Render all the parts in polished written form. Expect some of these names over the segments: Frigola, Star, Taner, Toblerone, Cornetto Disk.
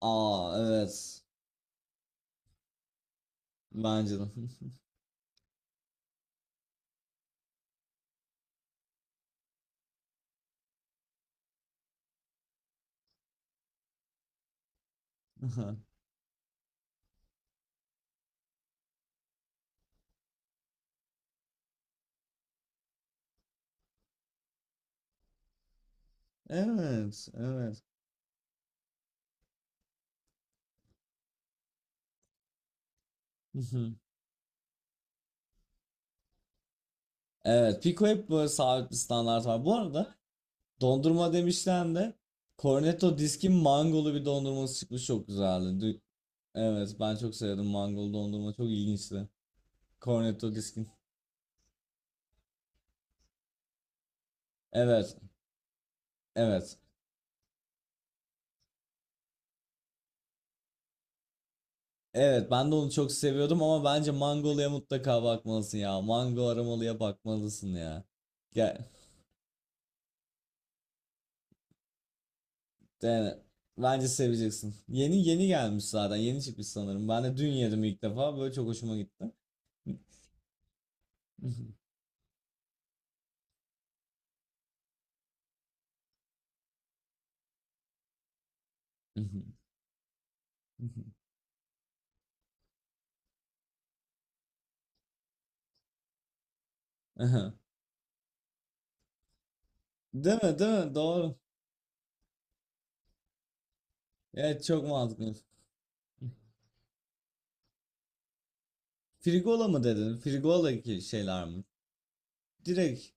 Aa, evet. Bence de. Evet, evet. Hı hı. Evet, Pico hep böyle sabit bir standart var. Bu arada dondurma demişken de Cornetto Disk'in mangolu bir dondurması çıkmış, çok güzeldi. Dü- evet, ben çok sevdim, mangolu dondurma çok ilginçti. Cornetto Disk'in. Evet, evet. Evet, ben de onu çok seviyordum ama bence mangoluya mutlaka bakmalısın ya. Mango aromalıya bakmalısın ya. Gel. Yani bence seveceksin. Yeni yeni gelmiş zaten. Yeni çıkmış sanırım. Ben de dün yedim ilk defa. Böyle çok hoşuma gitti. Değil mi? Değil mi? Doğru. Evet, çok mantıklı. Frigola mı dedin? Frigola ki şeyler mi? Direkt.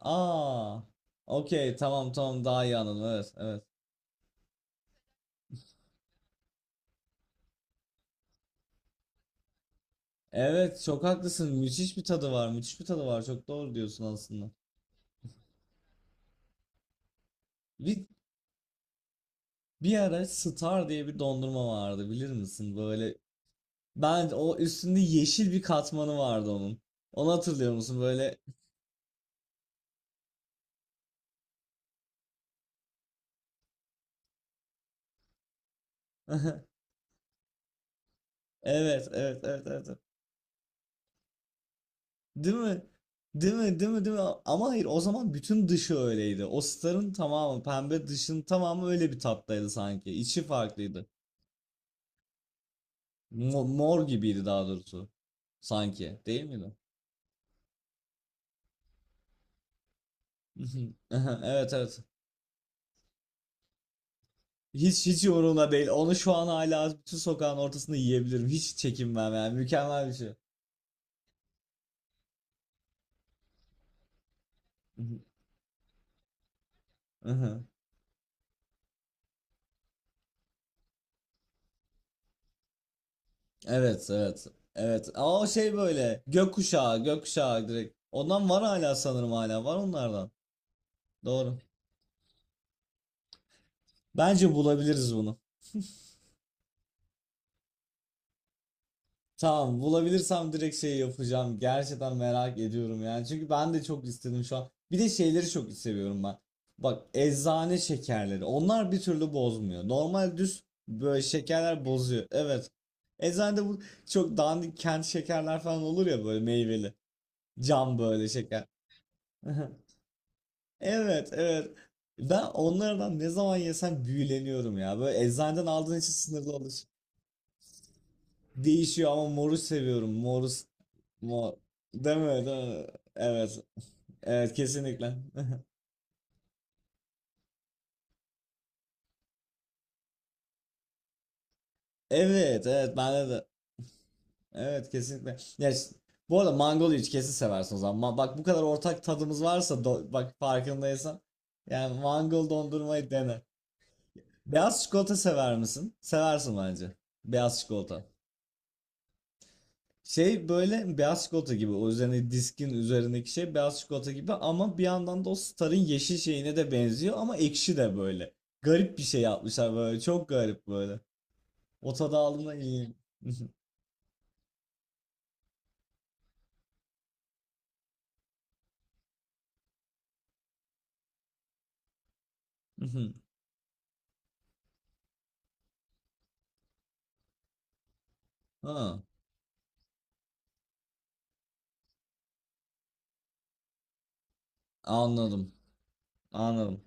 Aa. Okey, tamam tamam, daha iyi anladım. Evet, evet. Evet, çok haklısın. Müthiş bir tadı var. Müthiş bir tadı var. Çok doğru diyorsun aslında. Bir, bir ara Star diye bir dondurma vardı, bilir misin? Böyle ben, o üstünde yeşil bir katmanı vardı onun. Onu hatırlıyor musun böyle? Evet, evet, evet, evet, evet. Değil mi? Değil mi? Değil mi? Değil mi? Ama hayır, o zaman bütün dışı öyleydi. O starın tamamı pembe, dışın tamamı öyle bir tattaydı sanki. İçi farklıydı. Mo- mor gibiydi daha doğrusu. Sanki. Değil miydi? Evet, evet. Hiç hiç umurumda değil. Onu şu an hala bütün sokağın ortasında yiyebilirim. Hiç çekinmem yani. Mükemmel bir şey. Evet, evet. Evet. Aa, o şey böyle. Gökkuşağı, gökkuşağı direkt. Ondan var hala sanırım, hala. Var onlardan. Doğru. Bence bulabiliriz bunu. Tamam, bulabilirsem direkt şey yapacağım. Gerçekten merak ediyorum yani. Çünkü ben de çok istedim şu an. Bir de şeyleri çok seviyorum ben. Bak, eczane şekerleri. Onlar bir türlü bozmuyor. Normal düz böyle şekerler bozuyor. Evet. Eczanede bu çok dandik kent şekerler falan olur ya, böyle meyveli. Cam böyle şeker. Evet, evet. Ben onlardan ne zaman yesem büyüleniyorum ya. Böyle eczaneden aldığın için sınırlı olur. Değişiyor ama moru seviyorum. Moru, s- mor. Değil mi? Değil mi? Evet. Evet, kesinlikle. Evet, evet. Ben de evet, kesinlikle. Ya, ş- bu arada mangolu hiç kesin seversin o zaman. Ma- bak, bu kadar ortak tadımız varsa do- bak, farkındaysan. Yani mangol dondurmayı dene. Beyaz çikolata sever misin? Seversin bence. Beyaz çikolata. Şey böyle beyaz çikolata gibi, o üzerine diskin üzerindeki şey beyaz çikolata gibi ama bir yandan da o Star'ın yeşil şeyine de benziyor ama ekşi de böyle. Garip bir şey yapmışlar böyle, çok garip böyle. O tadı aldığımda iyi. Ha, anladım anladım.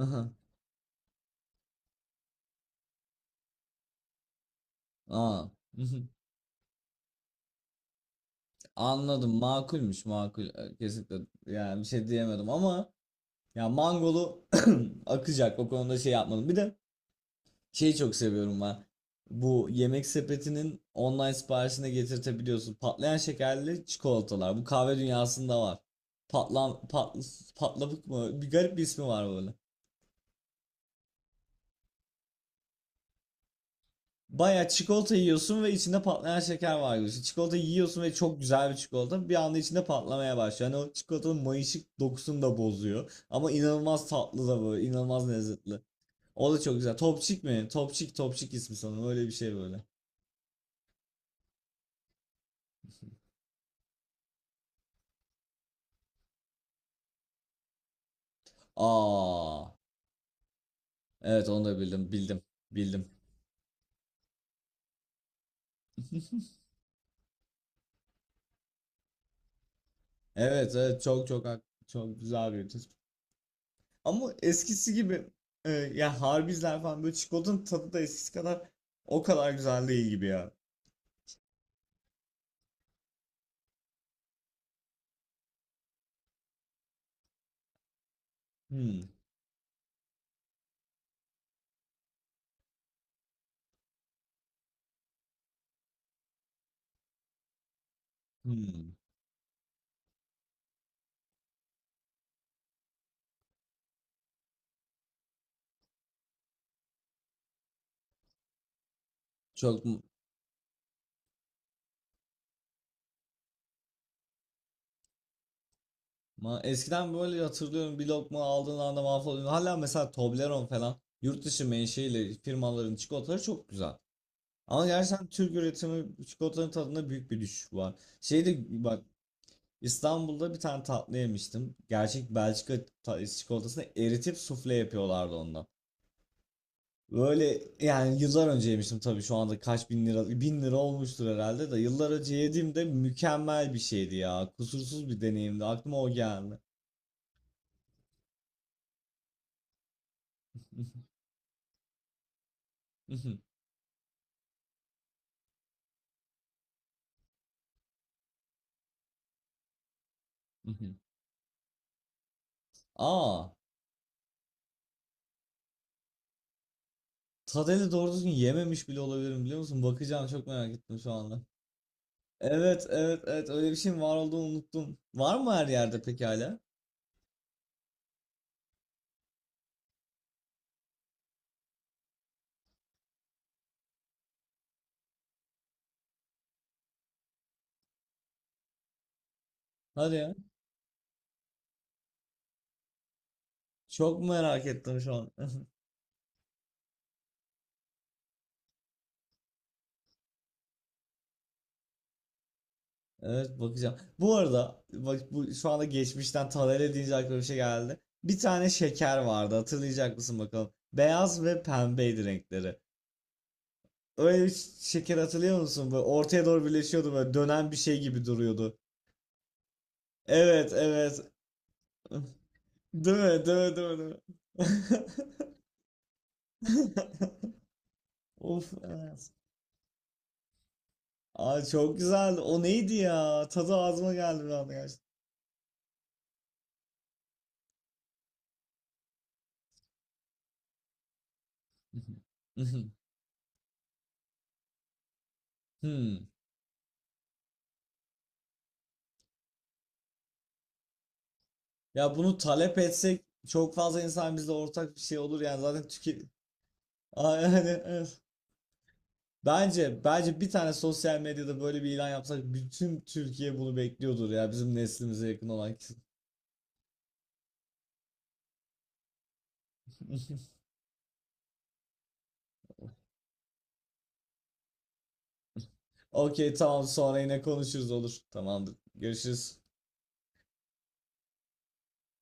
Aha, aa, mhm. Anladım, makulmüş makul. Kesinlikle yani bir şey diyemedim ama ya mangolu akacak o konuda şey yapmadım. Bir de şeyi çok seviyorum ben. Bu yemek sepetinin online siparişine getirtebiliyorsun. Patlayan şekerli çikolatalar. Bu kahve dünyasında var. Patlan, pat, patlabık mı? Bir garip bir ismi var böyle. Baya çikolata yiyorsun ve içinde patlayan şeker var gibi. Çikolata yiyorsun ve çok güzel bir çikolata. Bir anda içinde patlamaya başlıyor. Yani o çikolatanın mayışık dokusunu da bozuyor. Ama inanılmaz tatlı da böyle. İnanılmaz lezzetli. O da çok güzel. Topçik mi? Topçik, Topçik ismi sanırım. Öyle bir şey böyle. Aa. Evet, onu da bildim. Bildim. Bildim. Evet evet, çok çok hak- çok güzel bir tespit. Ama eskisi gibi ya harbizler falan böyle çikolatanın tadı da eskisi kadar o kadar güzel değil gibi ya. Hmm, hmm. Çok mu- eskiden böyle hatırlıyorum, bir lokma aldığın anda mahvoluyordun. Hala mesela Toblerone falan yurt dışı menşeili firmaların çikolataları çok güzel. Ama gerçekten Türk üretimi çikolatanın tadında büyük bir düşüş var. Şeyde bak, İstanbul'da bir tane tatlı yemiştim. Gerçek Belçika ta- çikolatasını eritip sufle yapıyorlardı ondan. Böyle yani yıllar önce yemiştim, tabii şu anda kaç bin lira bin lira olmuştur herhalde, de yıllar önce yediğimde mükemmel bir şeydi ya. Kusursuz bir deneyimdi. Aklıma o geldi. Aa, Tadeli doğru düzgün yememiş bile olabilirim, biliyor musun? Bakacağım, çok merak ettim şu anda. Evet evet evet, öyle bir şeyin var olduğunu unuttum. Var mı her yerde peki hala? Hadi ya. Çok merak ettim şu an. Evet, bakacağım. Bu arada bak, bu şu anda geçmişten Taner'e deyince aklıma bir şey geldi. Bir tane şeker vardı, hatırlayacak mısın bakalım. Beyaz ve pembeydi renkleri. Öyle bir şeker hatırlıyor musun? Böyle ortaya doğru birleşiyordu, böyle dönen bir şey gibi duruyordu. Evet, evet. Değil mi? Değil mi? Değil mi? Değil mi? Of, evet. Ay çok güzeldi. O neydi ya? Tadı ağzıma geldi bir anda gerçekten. Hmm. Ya bunu talep etsek çok fazla insan bizle ortak bir şey olur yani zaten tüke... Aa, yani, evet. Bence bence bir tane sosyal medyada böyle bir ilan yapsak bütün Türkiye bunu bekliyordur ya, bizim neslimize yakın olan kişi. Okey, tamam, sonra yine konuşuruz olur. Tamamdır. Görüşürüz.